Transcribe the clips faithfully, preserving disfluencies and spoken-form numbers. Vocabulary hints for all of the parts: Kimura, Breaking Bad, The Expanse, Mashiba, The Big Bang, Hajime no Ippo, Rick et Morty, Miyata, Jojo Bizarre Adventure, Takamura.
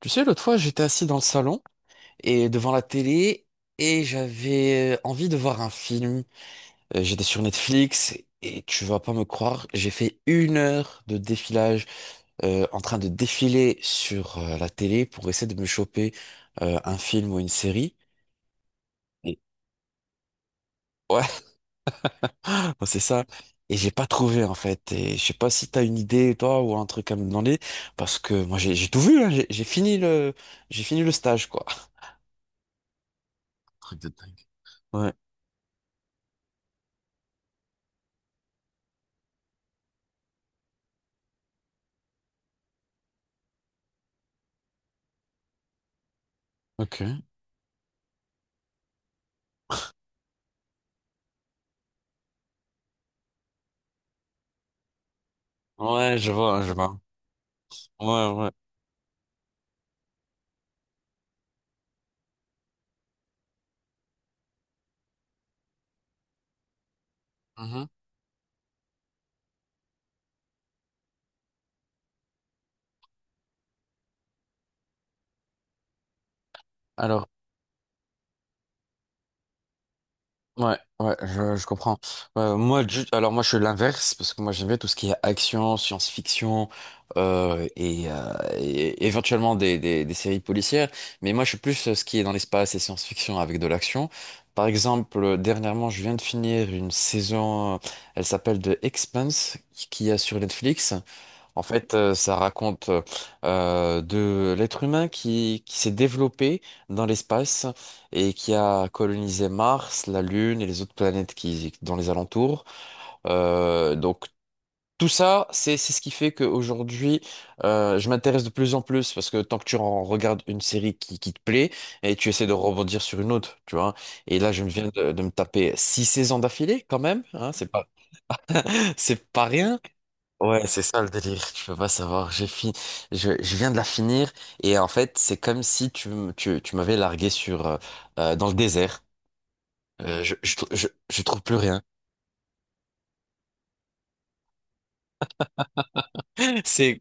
Tu sais, l'autre fois, j'étais assis dans le salon et devant la télé et j'avais euh, envie de voir un film. Euh, J'étais sur Netflix et tu vas pas me croire, j'ai fait une heure de défilage euh, en train de défiler sur euh, la télé pour essayer de me choper euh, un film ou une série. Et- ouais, c'est ça. Et j'ai pas trouvé en fait. Et je sais pas si t'as une idée toi ou un truc à me demander parce que moi j'ai j'ai tout vu, hein. J'ai j'ai fini le j'ai fini le stage quoi. Truc de dingue. Ouais. Ok. Ouais, je vois, je vois. Ouais, ouais. Mhm. Alors, ouais, ouais, je, je comprends. Euh, moi, ju- alors moi, je suis l'inverse parce que moi, j'aime bien tout ce qui est action, science-fiction euh, et, euh, et éventuellement des, des, des séries policières. Mais moi, je suis plus euh, ce qui est dans l'espace et science-fiction avec de l'action. Par exemple, euh, dernièrement, je viens de finir une saison, euh, elle s'appelle The Expanse, qui qui est sur Netflix. En fait, euh, ça raconte euh, euh, de l'être humain qui, qui s'est développé dans l'espace et qui a colonisé Mars, la Lune et les autres planètes qui dans les alentours. Euh, donc tout ça, c'est c'est ce qui fait qu'aujourd'hui, euh, je m'intéresse de plus en plus parce que tant que tu en regardes une série qui, qui te plaît et tu essaies de rebondir sur une autre, tu vois. Et là, je me viens de, de me taper six saisons d'affilée quand même, hein, c'est pas c'est pas rien. Ouais, c'est ça le délire, tu peux pas savoir. J'ai fini, je, je viens de la finir et en fait, c'est comme si tu, m- tu, tu m'avais largué sur euh, euh, dans le désert. Euh, je, je, trou- je, je trouve plus rien. C'est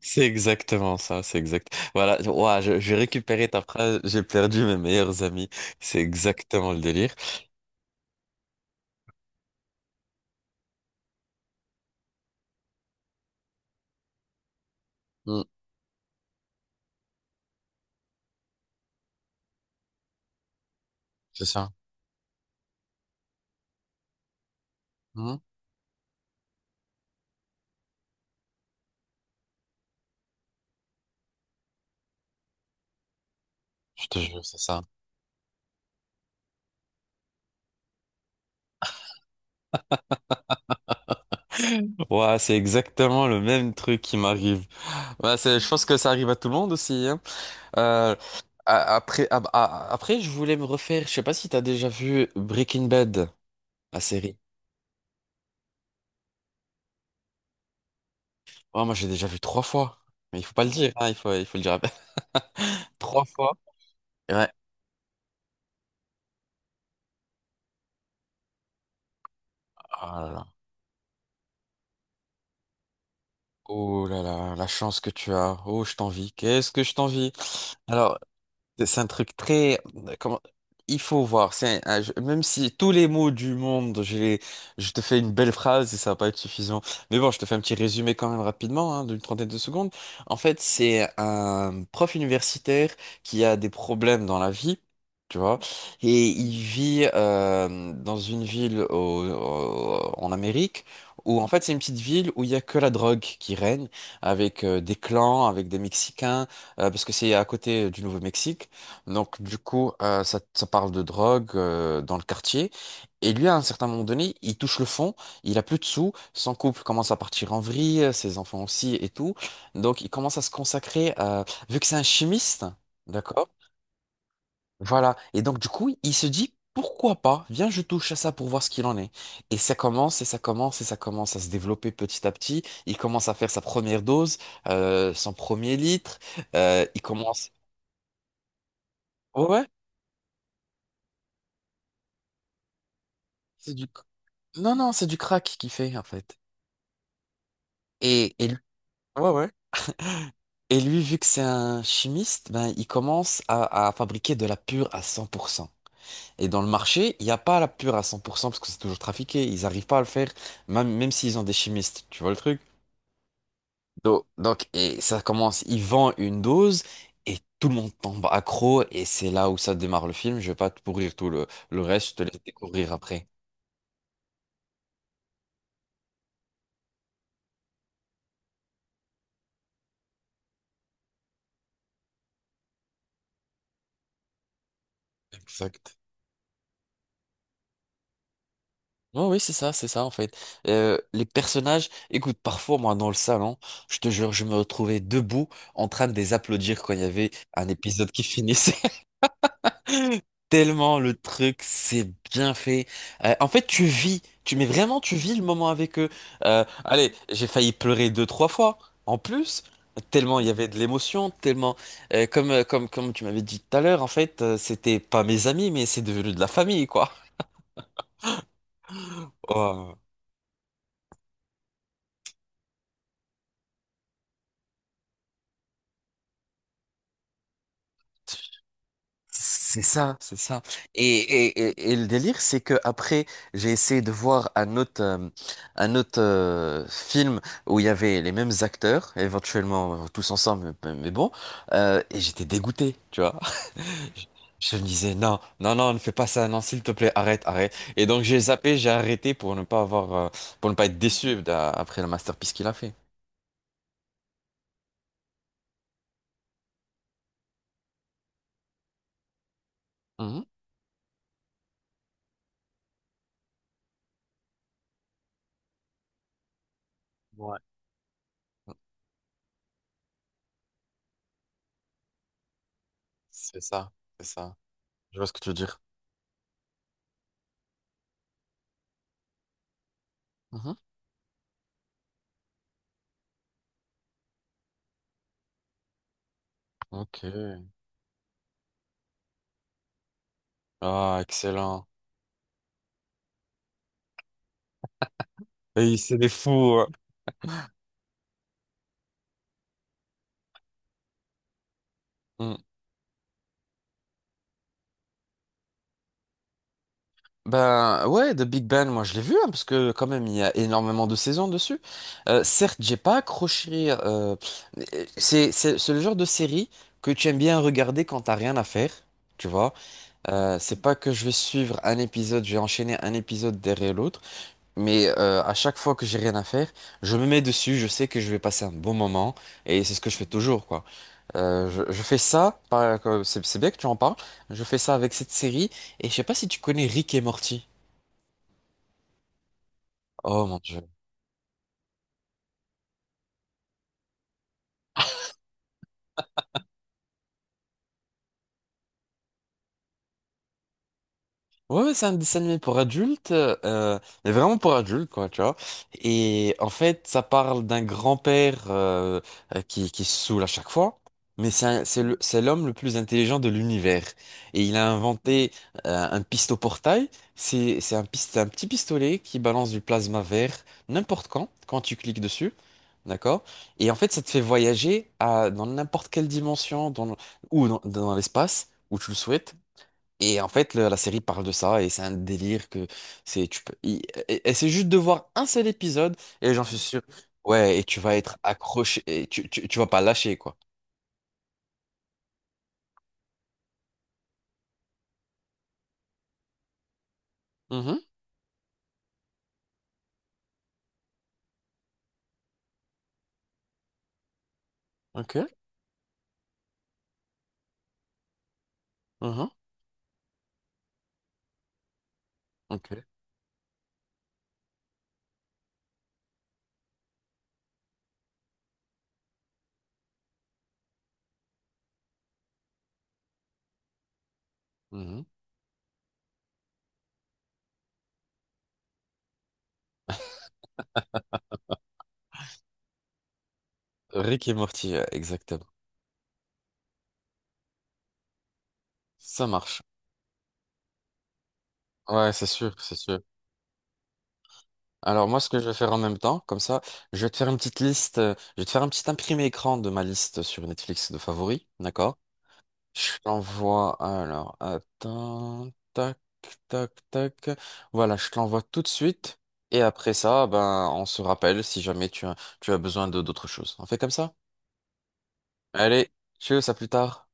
c'est exactement ça, c'est exact. Voilà, ouah, je, je vais récupérer ta phrase, j'ai perdu mes meilleurs amis. C'est exactement le délire. Mm, c'est ça. Mm, je te jure, c'est ça. Ouais, c'est exactement le même truc qui m'arrive. Ouais, c'est, je pense que ça arrive à tout le monde aussi, hein. Euh, a- après, a- a- après, je voulais me refaire. Je sais pas si t'as déjà vu Breaking Bad, la série. Oh, moi, j'ai déjà vu trois fois. Mais il faut pas le dire, hein, il faut, il faut le dire. Trois fois. Ouais. Oh là là. Oh là là, la chance que tu as. Oh, je t'envie. Qu'est-ce que je t'envie. Alors, C'est c'est un truc très... comment- Il faut voir. C'est un- un jeu- Même si tous les mots du monde, j'ai... je te fais une belle phrase et ça va pas être suffisant. Mais bon, je te fais un petit résumé quand même rapidement, hein, d'une trentaine de secondes. En fait, c'est un prof universitaire qui a des problèmes dans la vie. Tu vois, et il vit euh, dans une ville au- au- en Amérique où en fait c'est une petite ville où il y a que la drogue qui règne avec euh, des clans, avec des Mexicains, euh, parce que c'est à côté du Nouveau-Mexique. Donc, du coup, euh, ça, ça parle de drogue euh, dans le quartier. Et lui, à un certain moment donné, il touche le fond, il a plus de sous, son couple commence à partir en vrille, euh, ses enfants aussi et tout. Donc, il commence à se consacrer, euh, vu que c'est un chimiste, d'accord? Voilà. Et donc, du coup, il se dit, pourquoi pas? Viens, je touche à ça pour voir ce qu'il en est. Et ça commence, et ça commence, et ça commence à se développer petit à petit. Il commence à faire sa première dose, euh, son premier litre. Euh, il commence... Ouais. C'est du non, non, c'est du crack qu'il fait, en fait. Et, et, lui- ouais, ouais. Et lui, vu que c'est un chimiste, ben, il commence à, à fabriquer de la pure à cent pour cent. Et dans le marché, il n'y a pas la pure à cent pour cent parce que c'est toujours trafiqué. Ils n'arrivent pas à le faire, même, même s'ils ont des chimistes. Tu vois le truc? Donc, donc, et ça commence, il vend une dose et tout le monde tombe accro. Et c'est là où ça démarre le film. Je vais pas te pourrir tout le, le reste, je te laisse découvrir après. Exact. Ouais, oui, c'est ça, c'est ça en fait. Euh, les personnages, écoute, parfois moi dans le salon, je te jure, je me retrouvais debout en train de les applaudir quand il y avait un épisode qui finissait. Tellement le truc, c'est bien fait. Euh, en fait, tu vis, tu mais vraiment tu vis le moment avec eux. Euh, allez, j'ai failli pleurer deux, trois fois en plus. Tellement il y avait de l'émotion, tellement euh, comme euh, comme comme tu m'avais dit tout à l'heure, en fait, euh, c'était pas mes amis, mais c'est devenu de la famille quoi. Oh. C'est ça, c'est ça. Et, et, et, et le délire, c'est que après, j'ai essayé de voir un autre, euh, un autre euh, film où il y avait les mêmes acteurs, éventuellement euh, tous ensemble, mais, mais bon, euh, et j'étais dégoûté, tu vois. Je, je me disais, non, non, non, ne fais pas ça, non, s'il te plaît, arrête, arrête. Et donc j'ai zappé, j'ai arrêté pour ne pas avoir, euh, pour ne pas être déçu d'a- après le masterpiece qu'il a fait. Mhm. Ouais. C'est ça, c'est ça. Je vois ce que tu veux dire. Mhm. Ok. Ah, excellent. Et c'est des fous. Ouais. Mm. Ben ouais, The Big Bang, moi je l'ai vu hein, parce que quand même il y a énormément de saisons dessus. Euh, certes, j'ai pas accroché. Euh, mais, euh, c'est c'est c'est le genre de série que tu aimes bien regarder quand t'as rien à faire, tu vois. Euh, c'est pas que je vais suivre un épisode, je vais enchaîner un épisode derrière l'autre, mais euh, à chaque fois que j'ai rien à faire, je me mets dessus. Je sais que je vais passer un bon moment et c'est ce que je fais toujours quoi. Euh, je, je fais ça, par- que- c'est c'est bien que tu en parles, je fais ça avec cette série, et je sais pas si tu connais Rick et Morty. Oh mon Dieu. Ouais, ouais, c'est un dessin animé pour adultes, euh, mais vraiment pour adultes, quoi, tu vois. Et en fait, ça parle d'un grand-père euh, euh, qui, qui se saoule à chaque fois, mais c'est un- c'est le- c'est l'homme le plus intelligent de l'univers. Et il a inventé euh, un pistoportail. C'est c'est un, pist- un petit pistolet qui balance du plasma vert n'importe quand, quand tu cliques dessus. D'accord? Et en fait, ça te fait voyager à, dans n'importe quelle dimension dans, le- ou dans dans l'espace, où tu le souhaites. Et en fait, le- la série parle de ça et c'est un délire que c'est tu peux il- et, et c'est juste de voir un seul épisode et j'en suis sûr. Ouais, et tu vas être accroché et tu, tu, tu vas pas lâcher quoi. Mhm, ok, mhm, ok, mhm. Rick et Morty, euh, exactement. Ça marche. Ouais, c'est sûr, c'est sûr. Alors moi, ce que je vais faire en même temps, comme ça, je vais te faire une petite liste, euh, je vais te faire un petit imprimé écran de ma liste sur Netflix de favoris, d'accord? Je t'envoie, alors, attends, tac, tac, tac. Voilà, je t'envoie tout de suite. Et après ça, ben, on se rappelle si jamais tu as, tu as besoin de d'autres choses. On fait comme ça? Allez, tchuss, à plus tard.